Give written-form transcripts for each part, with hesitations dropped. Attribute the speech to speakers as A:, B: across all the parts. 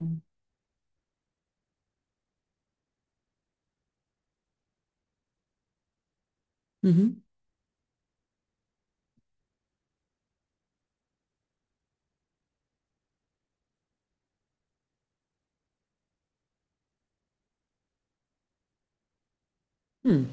A: Hı hı. Hı.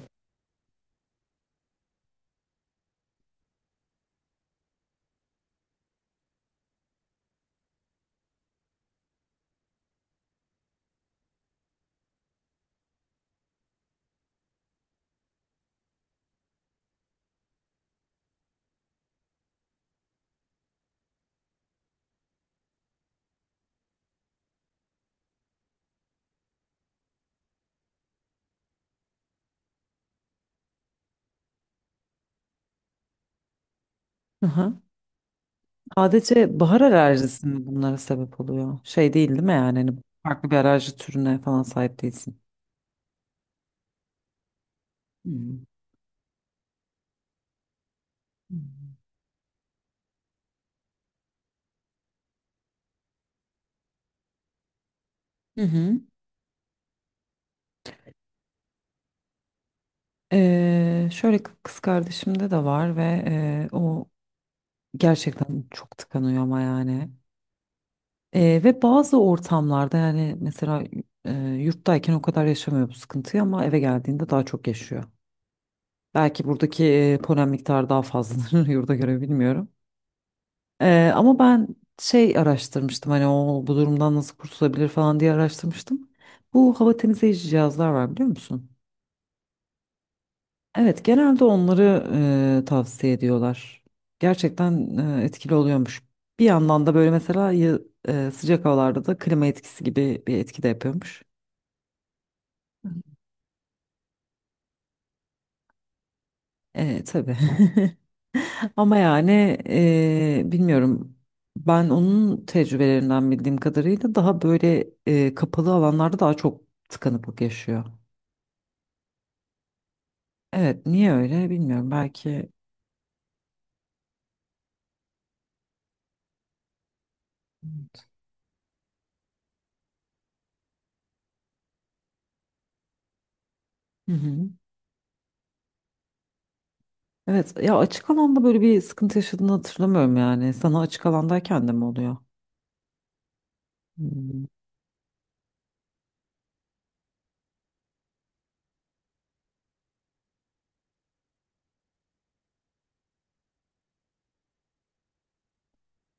A: Aha. Sadece bahar alerjisi mi bunlara sebep oluyor? Şey değil değil mi yani? Hani farklı bir alerji türüne falan sahip değilsin. Hı hı. Hı hı. Şöyle kız kardeşimde de var ve o gerçekten çok tıkanıyor ama yani. Ve bazı ortamlarda yani mesela yurttayken o kadar yaşamıyor bu sıkıntıyı ama eve geldiğinde daha çok yaşıyor. Belki buradaki polen miktarı daha fazladır yurda göre bilmiyorum. Ama ben araştırmıştım hani o bu durumdan nasıl kurtulabilir falan diye araştırmıştım. Bu hava temizleyici cihazlar var biliyor musun? Evet, genelde onları tavsiye ediyorlar. Gerçekten etkili oluyormuş. Bir yandan da böyle mesela sıcak havalarda da klima etkisi gibi bir etki de yapıyormuş. Evet, tabii. Ama yani bilmiyorum. Ben onun tecrübelerinden bildiğim kadarıyla daha böyle kapalı alanlarda daha çok tıkanıklık yaşıyor. Evet, niye öyle bilmiyorum. Belki. Hı hı. Evet, ya açık alanda böyle bir sıkıntı yaşadığını hatırlamıyorum yani. Sana açık alandayken de mi oluyor? Hmm.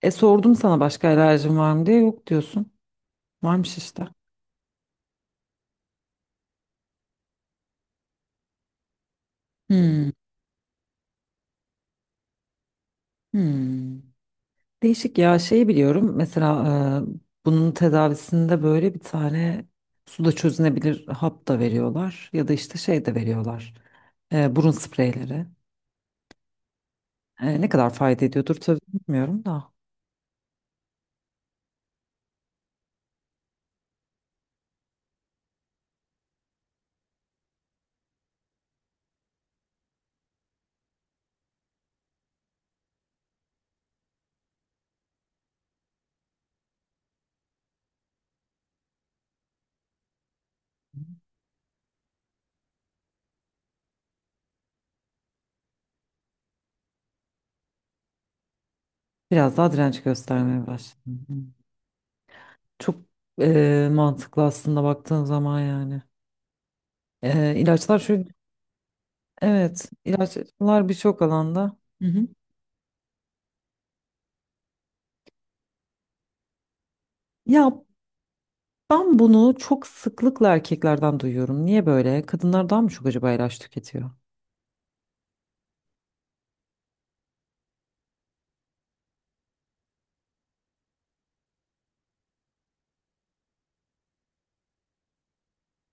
A: E, sordum sana başka alerjin var mı diye yok diyorsun. Varmış işte. Hmm. Hmm. Değişik ya, şeyi biliyorum mesela bunun tedavisinde böyle bir tane suda çözünebilir hap da veriyorlar ya da işte şey de veriyorlar. Burun spreyleri. Ne kadar fayda ediyordur tabii bilmiyorum da biraz daha direnç göstermeye başladım. Hı. Çok mantıklı aslında baktığın zaman yani. E, ilaçlar şu Evet, ilaçlar birçok alanda. Hı hı. Ya, ben bunu çok sıklıkla erkeklerden duyuyorum. Niye böyle? Kadınlar daha mı çok acaba ilaç tüketiyor?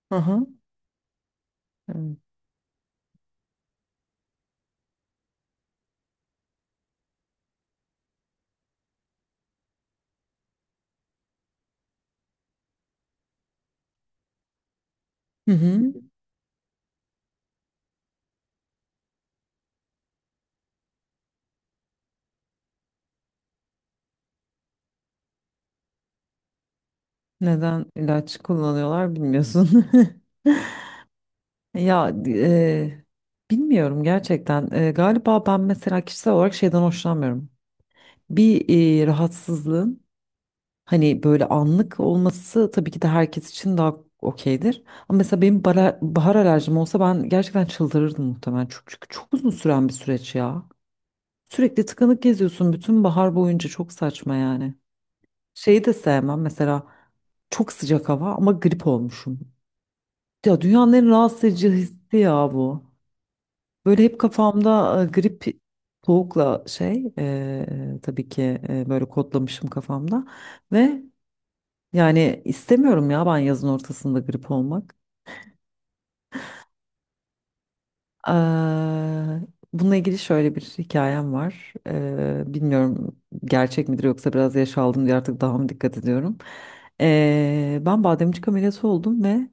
A: Hı hı. Evet. Hı hı. Neden ilaç kullanıyorlar bilmiyorsun. Ya bilmiyorum gerçekten. E, galiba ben mesela kişisel olarak şeyden hoşlanmıyorum. Bir rahatsızlığın. Hani böyle anlık olması tabii ki de herkes için daha okeydir. Ama mesela benim bahar alerjim olsa ben gerçekten çıldırırdım muhtemelen. Çünkü çok uzun süren bir süreç ya. Sürekli tıkanık geziyorsun bütün bahar boyunca, çok saçma yani. Şeyi de sevmem mesela, çok sıcak hava ama grip olmuşum. Ya dünyanın en rahatsız edici hissi ya bu. Böyle hep kafamda grip soğukla tabii ki böyle kodlamışım kafamda. Ve yani istemiyorum ya ben yazın ortasında grip olmak. Eee, Bununla ilgili şöyle bir hikayem var. Bilmiyorum gerçek midir yoksa biraz yaş aldım diye artık daha mı dikkat ediyorum. Ben bademcik ameliyatı oldum ve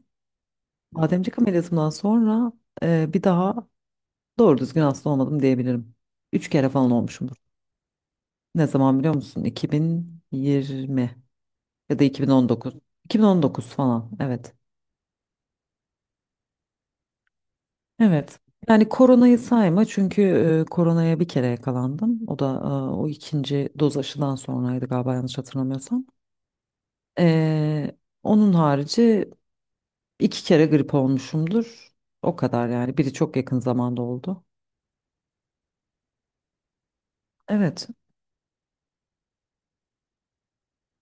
A: bademcik ameliyatımdan sonra bir daha doğru düzgün hasta olmadım diyebilirim. 3 kere falan olmuşumdur. Ne zaman biliyor musun? 2020 ya da 2019. 2019 falan, evet. Evet. Yani koronayı sayma çünkü koronaya bir kere yakalandım. O da e, o 2. doz aşıdan sonraydı galiba, yanlış hatırlamıyorsam. E, Onun harici 2 kere grip olmuşumdur. O kadar yani. Biri çok yakın zamanda oldu. Evet.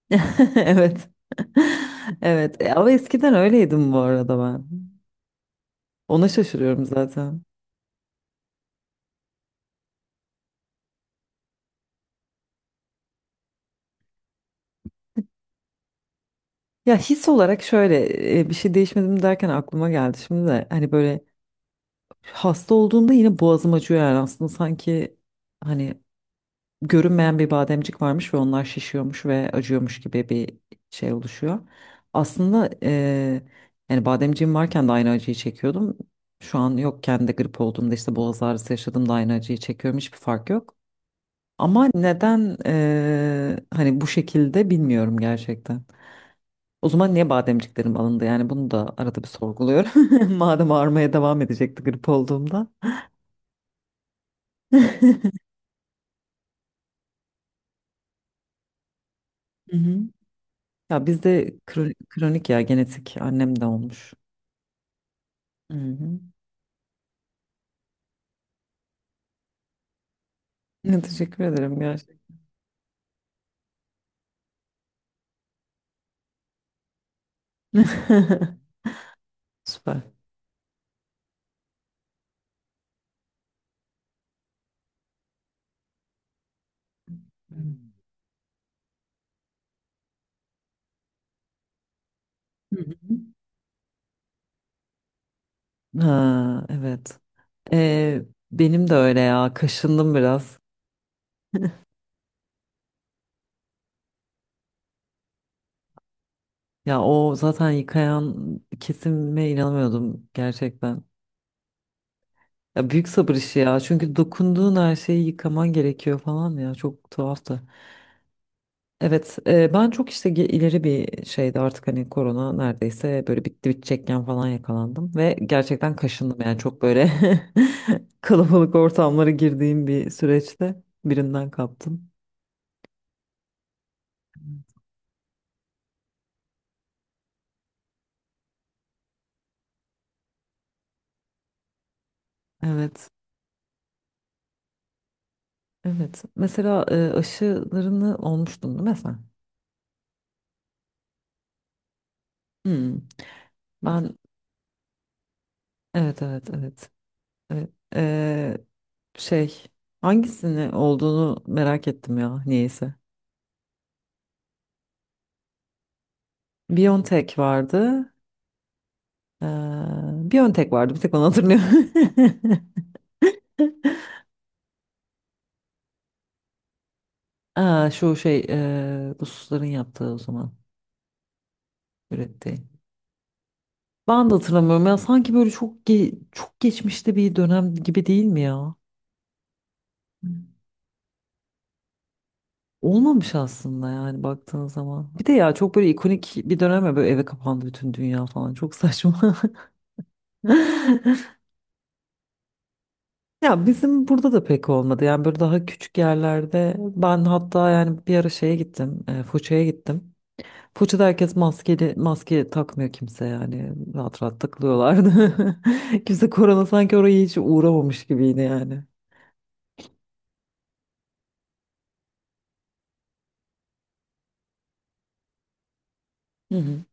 A: Evet. Evet. E, ama eskiden öyleydim bu arada ben. Ona şaşırıyorum zaten. Ya his olarak şöyle bir şey değişmedim derken aklıma geldi şimdi de hani böyle hasta olduğumda yine boğazım acıyor yani, aslında sanki hani görünmeyen bir bademcik varmış ve onlar şişiyormuş ve acıyormuş gibi bir şey oluşuyor. Aslında yani bademciğim varken de aynı acıyı çekiyordum. Şu an yokken de grip olduğumda işte boğaz ağrısı yaşadığımda aynı acıyı çekiyorum, hiçbir fark yok. Ama neden hani bu şekilde bilmiyorum gerçekten. O zaman niye bademciklerim alındı yani, bunu da arada bir sorguluyorum. Madem ağrımaya devam edecekti grip olduğumda. Hı hı. Ya bizde kronik ya, genetik, annem de olmuş. Hı hı. Ne, teşekkür ederim gerçekten. Süper. Hı hı. Ha, evet. Ee, benim de öyle ya. Kaşındım biraz. Ya o zaten yıkayan kesime inanamıyordum gerçekten. Ya büyük sabır işi ya. Çünkü dokunduğun her şeyi yıkaman gerekiyor falan ya. Çok tuhaftı. Evet, ben çok işte ileri bir şeydi artık, hani korona neredeyse böyle bitti bitecekken falan yakalandım ve gerçekten kaşındım yani, çok böyle kalabalık ortamlara girdiğim bir süreçte birinden kaptım. Evet, evet. Mesela aşılarını olmuştun değil mi sen? Hmm. Ben, evet, evet, evet. Evet. E, şey Hangisini olduğunu merak ettim ya niyeyse. BioNTech vardı. Ee, Bir ön tek vardı. Bir tek onu hatırlıyorum. Aa, şu şey, Rusların yaptığı o zaman ürettiği. Ben de hatırlamıyorum ya, sanki böyle çok geçmişte bir dönem gibi, değil mi ya? Olmamış aslında yani baktığın zaman. Bir de ya çok böyle ikonik bir dönem ya, böyle eve kapandı bütün dünya falan, çok saçma. Ya bizim burada da pek olmadı yani, böyle daha küçük yerlerde ben, hatta yani bir ara şeye gittim, Foça'ya gittim. Foça'da herkes maskeli, maske takmıyor kimse yani, rahat rahat takılıyorlardı. Kimse, korona sanki oraya hiç uğramamış gibiydi yani. Hı hı.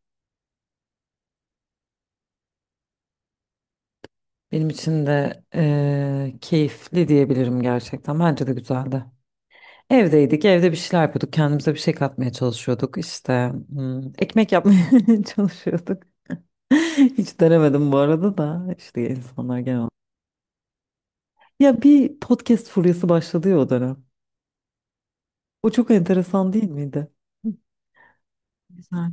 A: Benim için de keyifli diyebilirim gerçekten. Bence de güzeldi. Evdeydik, evde bir şeyler yapıyorduk. Kendimize bir şey katmaya çalışıyorduk. İşte hmm, ekmek yapmaya çalışıyorduk. Hiç denemedim bu arada, da işte insanlar genel olarak. Ya bir podcast furyası başladı ya o dönem. O çok enteresan değil miydi? Hı. Güzel.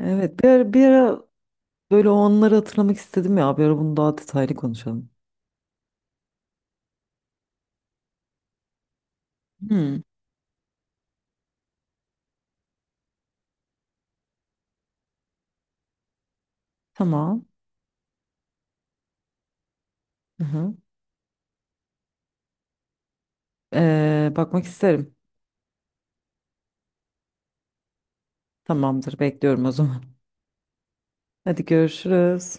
A: Evet, bir ara böyle o anları hatırlamak istedim ya. Bir ara bunu daha detaylı konuşalım. Hmm, tamam. Hı hı. Bakmak isterim. Tamamdır, bekliyorum o zaman. Hadi görüşürüz.